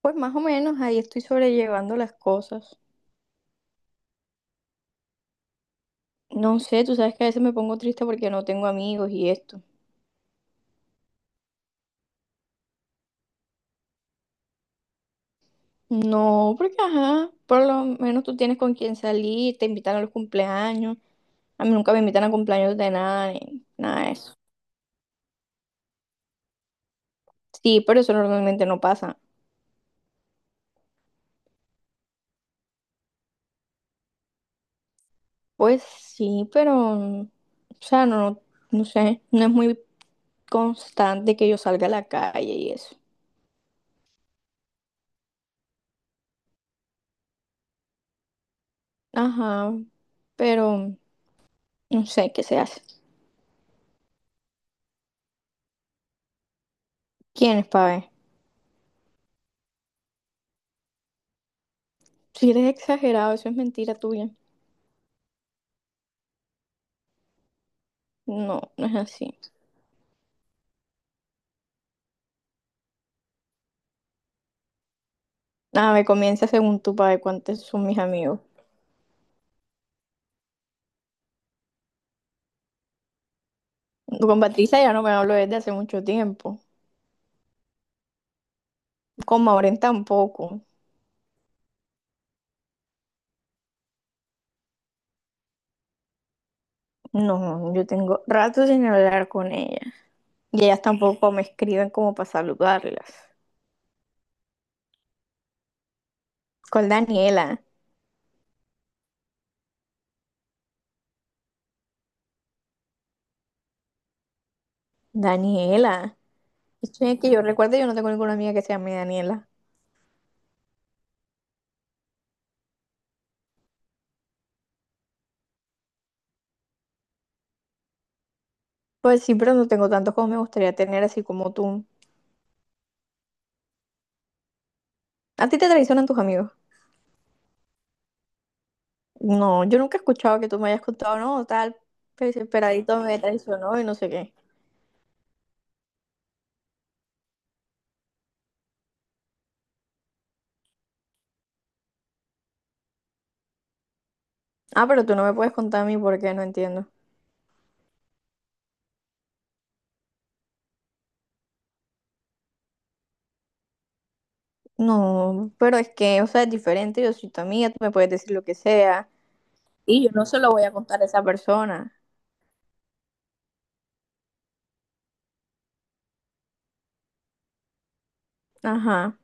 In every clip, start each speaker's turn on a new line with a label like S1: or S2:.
S1: Pues más o menos ahí estoy sobrellevando las cosas. No sé, tú sabes que a veces me pongo triste porque no tengo amigos y esto. No, porque ajá, por lo menos tú tienes con quién salir, te invitan a los cumpleaños. A mí nunca me invitan a cumpleaños de nada, ni nada de eso. Sí, pero eso normalmente no pasa. Pues sí, pero, o sea, no, no sé, no es muy constante que yo salga a la calle y eso. Ajá, pero no sé qué se hace. ¿Quién es Ver? Si eres exagerado, eso es mentira tuya. No, no es así. Nada, me comienza según tu padre cuántos son mis amigos. Con Patricia ya no me hablo desde hace mucho tiempo. Con Maureen tampoco. No, yo tengo rato sin hablar con ella. Y ellas tampoco me escriben como para saludarlas. Con Daniela. Daniela. Esto es que yo recuerdo, yo no tengo ninguna amiga que se llame Daniela. Pues sí, pero no tengo tantos como me gustaría tener, así como tú. ¿A ti te traicionan tus amigos? No, yo nunca he escuchado que tú me hayas contado, no, tal, pues, esperadito me traicionó y no sé qué. Ah, pero tú no me puedes contar a mí por qué, no entiendo. No, pero es que, o sea, es diferente, yo soy tu amiga, tú me puedes decir lo que sea y yo no se lo voy a contar a esa persona. Ajá.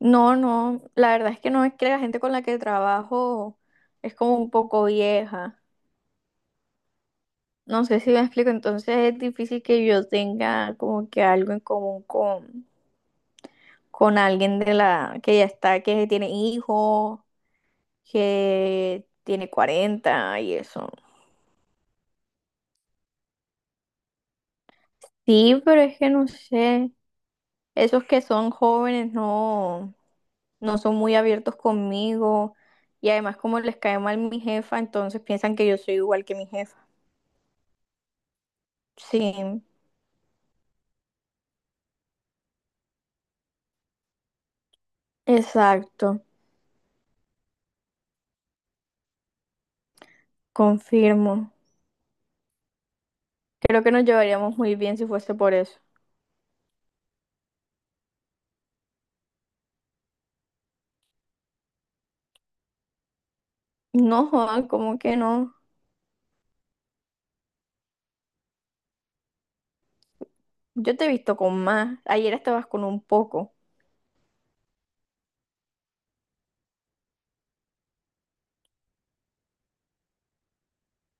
S1: No, no, la verdad es que no, es que la gente con la que trabajo es como un poco vieja. No sé si me explico, entonces es difícil que yo tenga como que algo en común con alguien de la que ya está, que tiene hijos, que tiene 40 y eso. Sí, pero es que no sé, esos que son jóvenes no, no son muy abiertos conmigo y además como les cae mal mi jefa, entonces piensan que yo soy igual que mi jefa. Sí, exacto, confirmo. Creo que nos llevaríamos muy bien si fuese por eso. No, Juan, ¿cómo que no? Yo te he visto con más. Ayer estabas con un poco,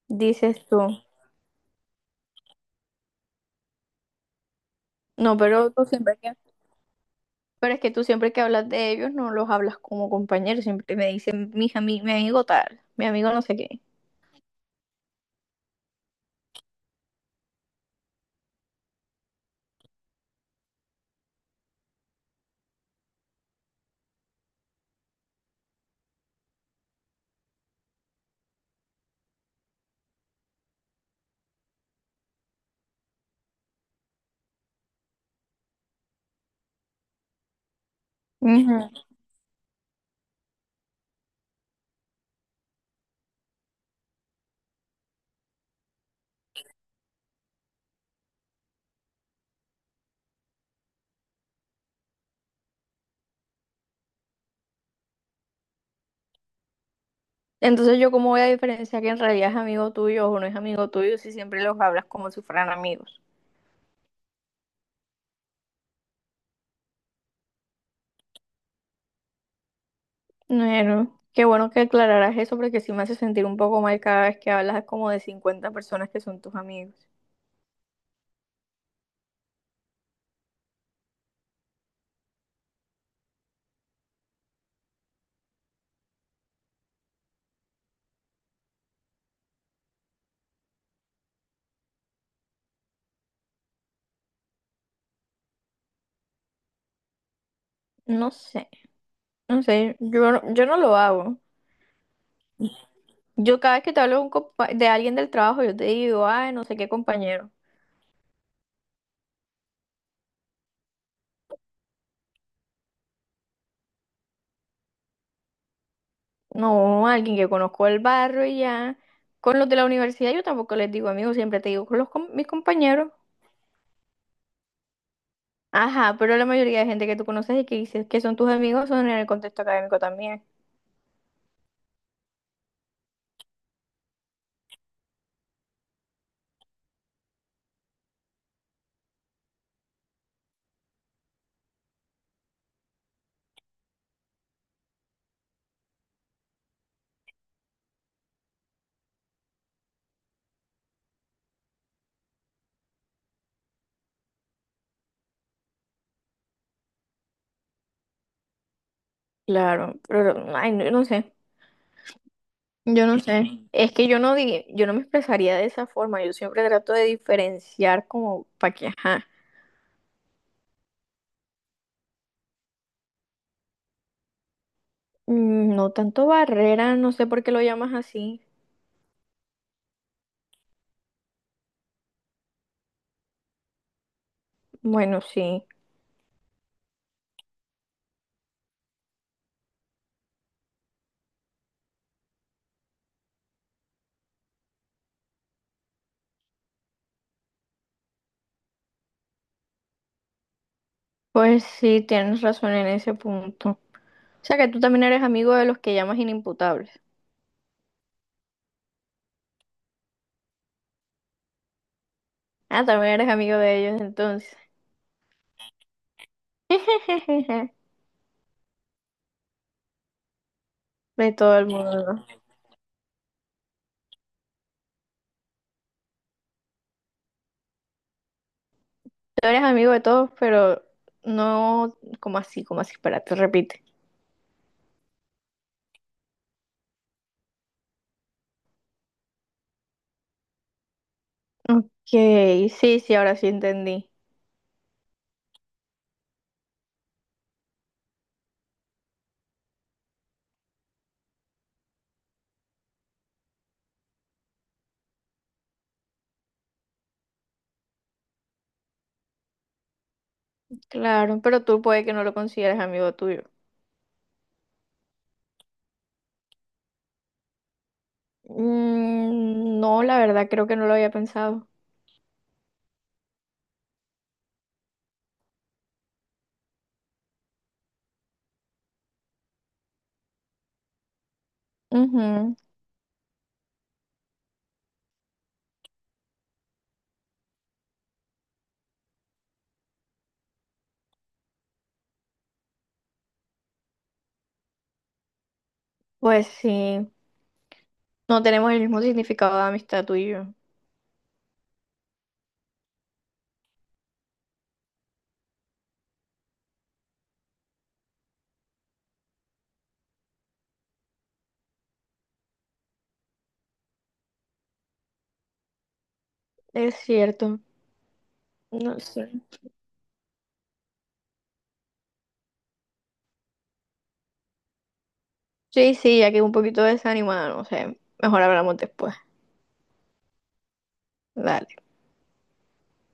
S1: dices tú. No, pero tú siempre que, pero es que tú siempre que hablas de ellos no los hablas como compañeros, siempre me dicen mi amigo tal, mi amigo no sé qué. Ujú. Entonces yo cómo voy a diferenciar que en realidad es amigo tuyo o no es amigo tuyo si siempre los hablas como si fueran amigos. Bueno, qué bueno que aclararas eso porque sí me hace sentir un poco mal cada vez que hablas como de 50 personas que son tus amigos. No sé, no sé, yo, no- yo no lo hago. Yo cada vez que te hablo de, un compa- de alguien del trabajo, yo te digo, ay, no sé qué compañero. No, alguien que conozco el barrio y ya. Con los de la universidad yo tampoco les digo amigos, siempre te digo con los com- mis compañeros. Ajá, pero la mayoría de gente que tú conoces y que dices que son tus amigos son en el contexto académico también. Claro, pero ay, no, no sé. Yo no sé. Ujú. Es que yo no di, yo no me expresaría de esa forma. Yo siempre trato de diferenciar como para que, ajá. Mm, no tanto barrera, no sé por qué lo llamas así. Bueno, sí. Pues sí, tienes razón en ese punto. O sea que tú también eres amigo de los que llamas inimputables. Ah, también eres amigo de ellos entonces. De todo el mundo, ¿no? Tú eres amigo de todos, pero no como así, como así, espérate, repite. Ok, sí, sí, ahora sí entendí. Claro, pero tú puede que no lo consideres amigo tuyo. Mm, no, la verdad creo que no lo había pensado. Ujú. Pues sí, no tenemos el mismo significado de amistad tú y yo. Es cierto, no sé. Sí, sí, ya que un poquito desanimada, no sé, mejor hablamos después. Dale.